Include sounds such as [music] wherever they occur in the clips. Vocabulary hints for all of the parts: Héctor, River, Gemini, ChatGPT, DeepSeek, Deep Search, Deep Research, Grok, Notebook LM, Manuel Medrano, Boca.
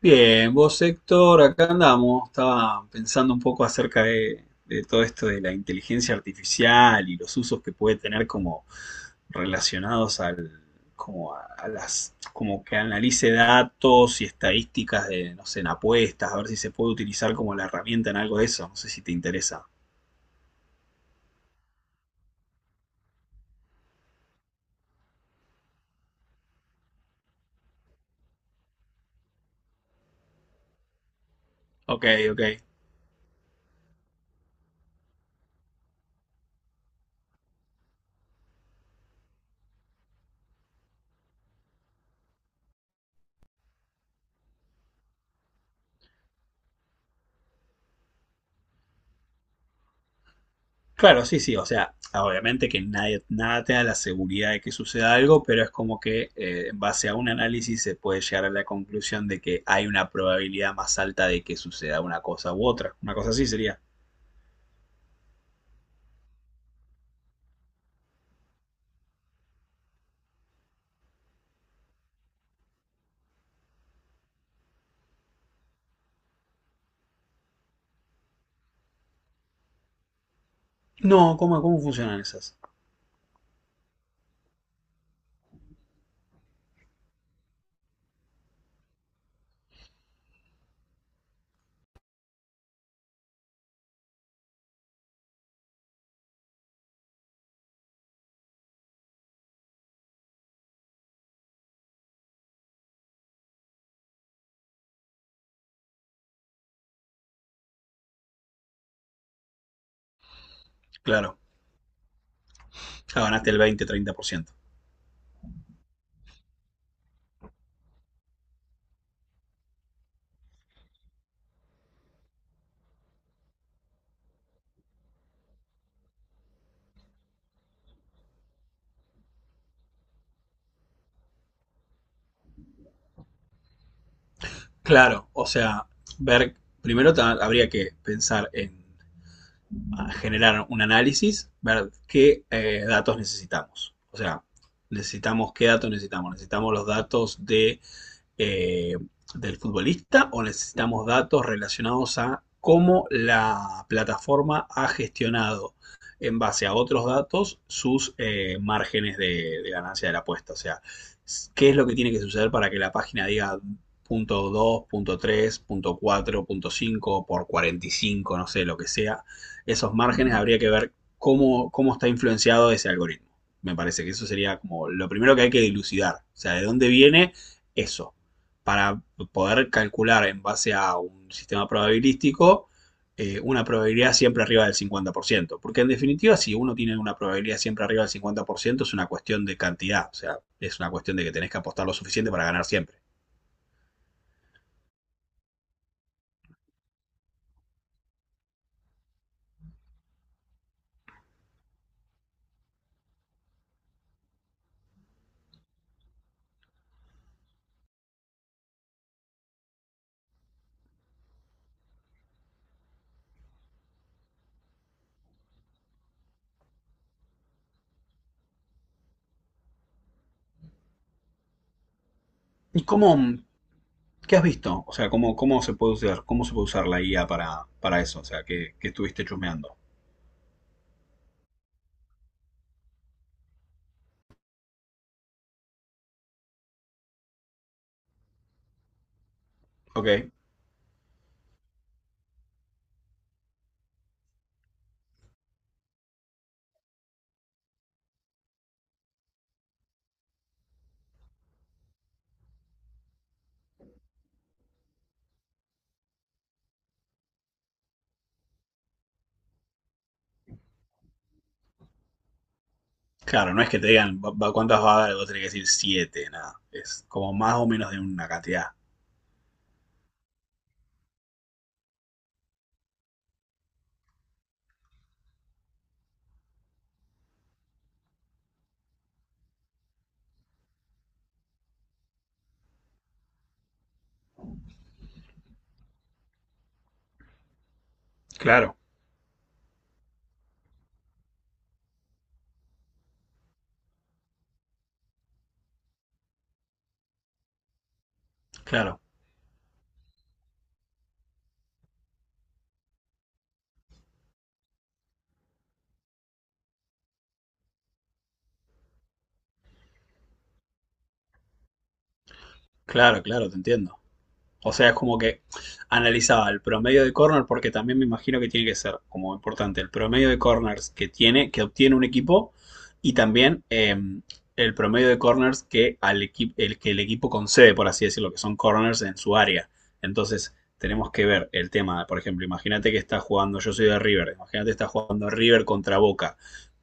Bien, vos Héctor, acá andamos. Estaba pensando un poco acerca de todo esto de la inteligencia artificial y los usos que puede tener como relacionados a las, como que analice datos y estadísticas no sé, en apuestas, a ver si se puede utilizar como la herramienta en algo de eso. No sé si te interesa. Ok, ok. Claro, sí, sí, o sea, obviamente que nadie, nada te da la seguridad de que suceda algo, pero es como que en base a un análisis se puede llegar a la conclusión de que hay una probabilidad más alta de que suceda una cosa u otra. Una cosa así sería. No, ¿cómo, cómo funcionan esas? Claro, ya ganaste el 20, 30%. Claro, o sea, ver, primero habría que pensar en generar un análisis, ver qué datos necesitamos. O sea, necesitamos, ¿qué datos necesitamos? Necesitamos los datos de eh, del futbolista, o necesitamos datos relacionados a cómo la plataforma ha gestionado en base a otros datos sus márgenes de ganancia de la apuesta. O sea, ¿qué es lo que tiene que suceder para que la página diga punto 2, punto 3, punto 4, punto 5 por 45, no sé, lo que sea? Esos márgenes habría que ver cómo, cómo está influenciado ese algoritmo. Me parece que eso sería como lo primero que hay que dilucidar. O sea, ¿de dónde viene eso? Para poder calcular en base a un sistema probabilístico una probabilidad siempre arriba del 50%. Porque en definitiva, si uno tiene una probabilidad siempre arriba del cincuenta por ciento, es una cuestión de cantidad. O sea, es una cuestión de que tenés que apostar lo suficiente para ganar siempre. ¿Y cómo, qué has visto? O sea, ¿cómo, cómo se puede usar, cómo se puede usar la guía para eso? O sea, ¿qué, qué estuviste chusmeando? Ok. Claro, no es que te digan cuántas va a dar, vos tenés que decir 7 nada. Es como más o menos de una cantidad. Claro. Claro. Claro, claro, te entiendo. O sea, es como que analizaba el promedio de corner, porque también me imagino que tiene que ser como importante el promedio de corners que tiene, que obtiene un equipo, y también el promedio de corners que, que el equipo concede, por así decirlo, que son corners en su área. Entonces, tenemos que ver el tema, por ejemplo, imagínate que está jugando, yo soy de River, imagínate que está jugando River contra Boca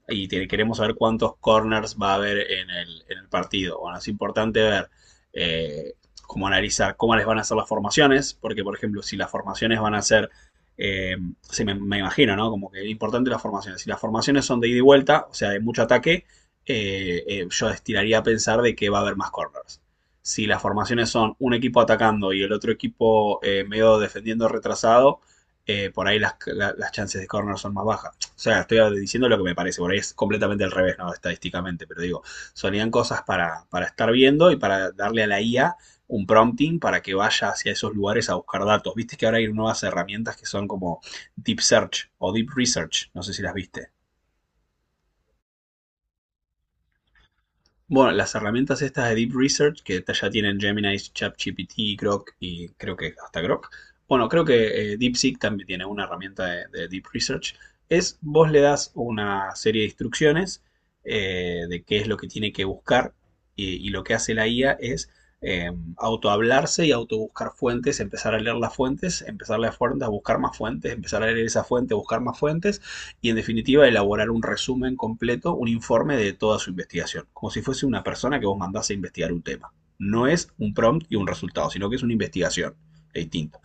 y queremos saber cuántos corners va a haber en en el partido. Bueno, es importante ver eh, cómo analizar cómo les van a hacer las formaciones, porque por ejemplo, si las formaciones van a ser, eh, sí, me imagino, ¿no? Como que es importante las formaciones. Si las formaciones son de ida y vuelta, o sea, de mucho ataque, yo estiraría a pensar de que va a haber más corners. Si las formaciones son un equipo atacando y el otro equipo medio defendiendo retrasado, por ahí las chances de corner son más bajas. O sea, estoy diciendo lo que me parece, por ahí es completamente al revés, ¿no? Estadísticamente, pero digo, sonían cosas para estar viendo y para darle a la IA un prompting para que vaya hacia esos lugares a buscar datos. Viste que ahora hay nuevas herramientas que son como Deep Search o Deep Research, no sé si las viste. Bueno, las herramientas estas de Deep Research, que ya tienen Gemini, ChatGPT, Grok y creo que hasta Grok. Bueno, creo que DeepSeek también tiene una herramienta de Deep Research. Es vos le das una serie de instrucciones de qué es lo que tiene que buscar, y lo que hace la IA es eh, autohablarse y autobuscar fuentes, empezar a leer las fuentes, empezar a leer fuentes, a buscar más fuentes, empezar a leer esa fuente, buscar más fuentes, y en definitiva elaborar un resumen completo, un informe de toda su investigación, como si fuese una persona que vos mandás a investigar un tema. No es un prompt y un resultado, sino que es una investigación, es distinto.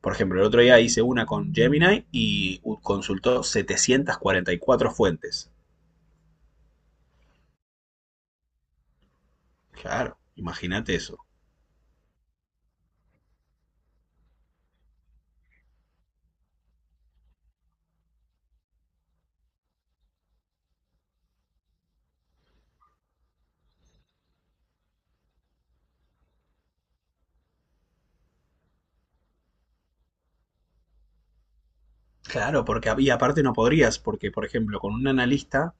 Por ejemplo, el otro día hice una con Gemini y consultó 744 fuentes. Claro, imagínate eso. Claro, porque y aparte no podrías, porque por ejemplo con un analista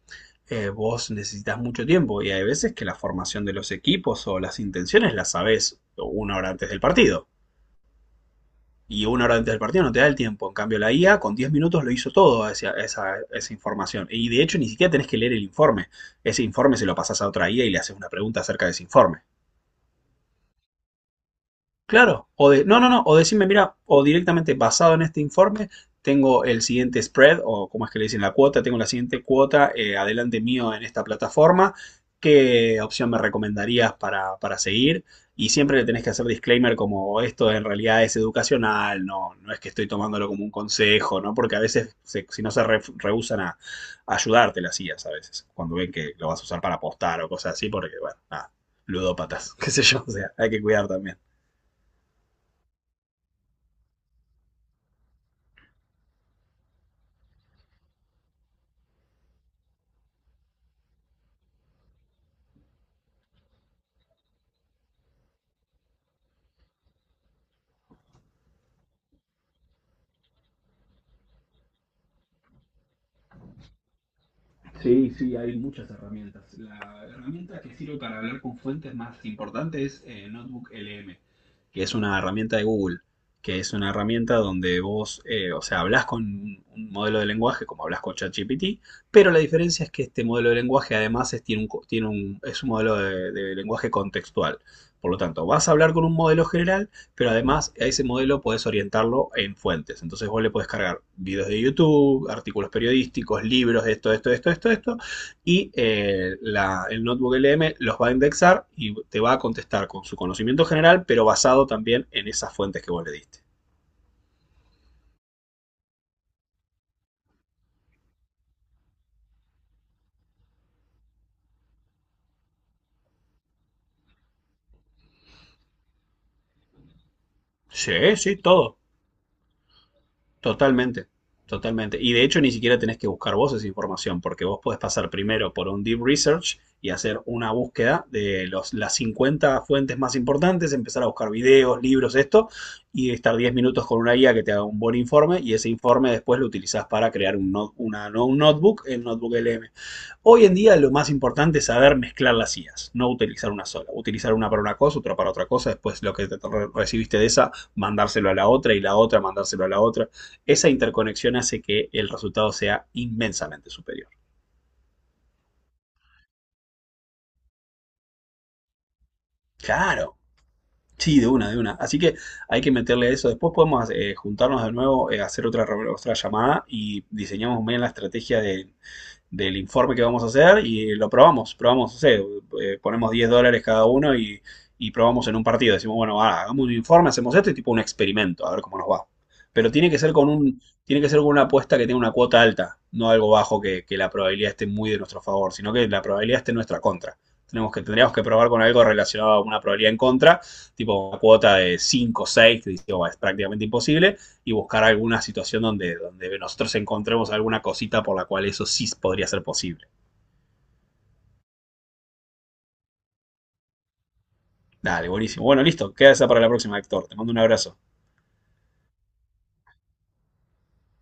vos necesitas mucho tiempo y hay veces que la formación de los equipos o las intenciones las sabés 1 hora antes del partido. Y una hora antes del partido no te da el tiempo. En cambio, la IA con 10 minutos lo hizo todo hacia esa, esa información. Y de hecho, ni siquiera tenés que leer el informe. Ese informe se lo pasás a otra IA y le haces una pregunta acerca de ese informe. Claro, o de, no, no, no, o decirme, mira, o directamente basado en este informe, tengo el siguiente spread, o como es que le dicen, la cuota, tengo la siguiente cuota adelante mío en esta plataforma. ¿Qué opción me recomendarías para seguir? Y siempre le tenés que hacer disclaimer como esto en realidad es educacional, no, no es que estoy tomándolo como un consejo, ¿no? Porque a veces, si no rehusan a ayudarte las IAs a veces, cuando ven que lo vas a usar para apostar o cosas así, porque, bueno, nada, ludópatas, [laughs] qué sé yo, o sea, hay que cuidar también. Sí, sí, hay muchas herramientas. La herramienta que sirve para hablar con fuentes más importante es Notebook LM, que es una herramienta de Google, que es una herramienta donde vos, o sea, hablas con un modelo de lenguaje como hablas con ChatGPT, pero la diferencia es que este modelo de lenguaje además es, tiene un, tiene es un modelo de lenguaje contextual. Por lo tanto, vas a hablar con un modelo general, pero además, a ese modelo podés orientarlo en fuentes. Entonces vos le podés cargar videos de YouTube, artículos periodísticos, libros, esto, esto, esto, esto, esto. Y el notebook LM los va a indexar y te va a contestar con su conocimiento general, pero basado también en esas fuentes que vos le diste. Sí, sí, todo. Totalmente, totalmente. Y de hecho ni siquiera tenés que buscar vos esa información, porque vos podés pasar primero por un deep research y hacer una búsqueda de los, las 50 fuentes más importantes, empezar a buscar videos, libros, esto, y estar 10 minutos con una guía que te haga un buen informe, y ese informe después lo utilizás para crear un, un notebook, el notebook LM. Hoy en día lo más importante es saber mezclar las IAs, no utilizar una sola. Utilizar una para una cosa, otra para otra cosa, después lo que recibiste de esa, mandárselo a la otra, y la otra, mandárselo a la otra. Esa interconexión hace que el resultado sea inmensamente superior. Claro. Sí, de una, de una. Así que hay que meterle eso. Después podemos juntarnos de nuevo, hacer otra, otra llamada, y diseñamos bien la estrategia de del informe que vamos a hacer, y lo probamos, probamos, no sé, ponemos 10 dólares cada uno, y probamos en un partido. Decimos, bueno, ah, hagamos un informe, hacemos esto y tipo un experimento, a ver cómo nos va. Pero tiene que ser con un, tiene que ser con una apuesta que tenga una cuota alta, no algo bajo que la probabilidad esté muy de nuestro favor, sino que la probabilidad esté en nuestra contra. Tenemos que, tendríamos que probar con algo relacionado a una probabilidad en contra, tipo una cuota de 5, 6 que dice, oh, es prácticamente imposible, y buscar alguna situación donde, donde nosotros encontremos alguna cosita por la cual eso sí podría ser posible. Dale, buenísimo. Bueno, listo, queda esa para la próxima, Héctor. Te mando un abrazo.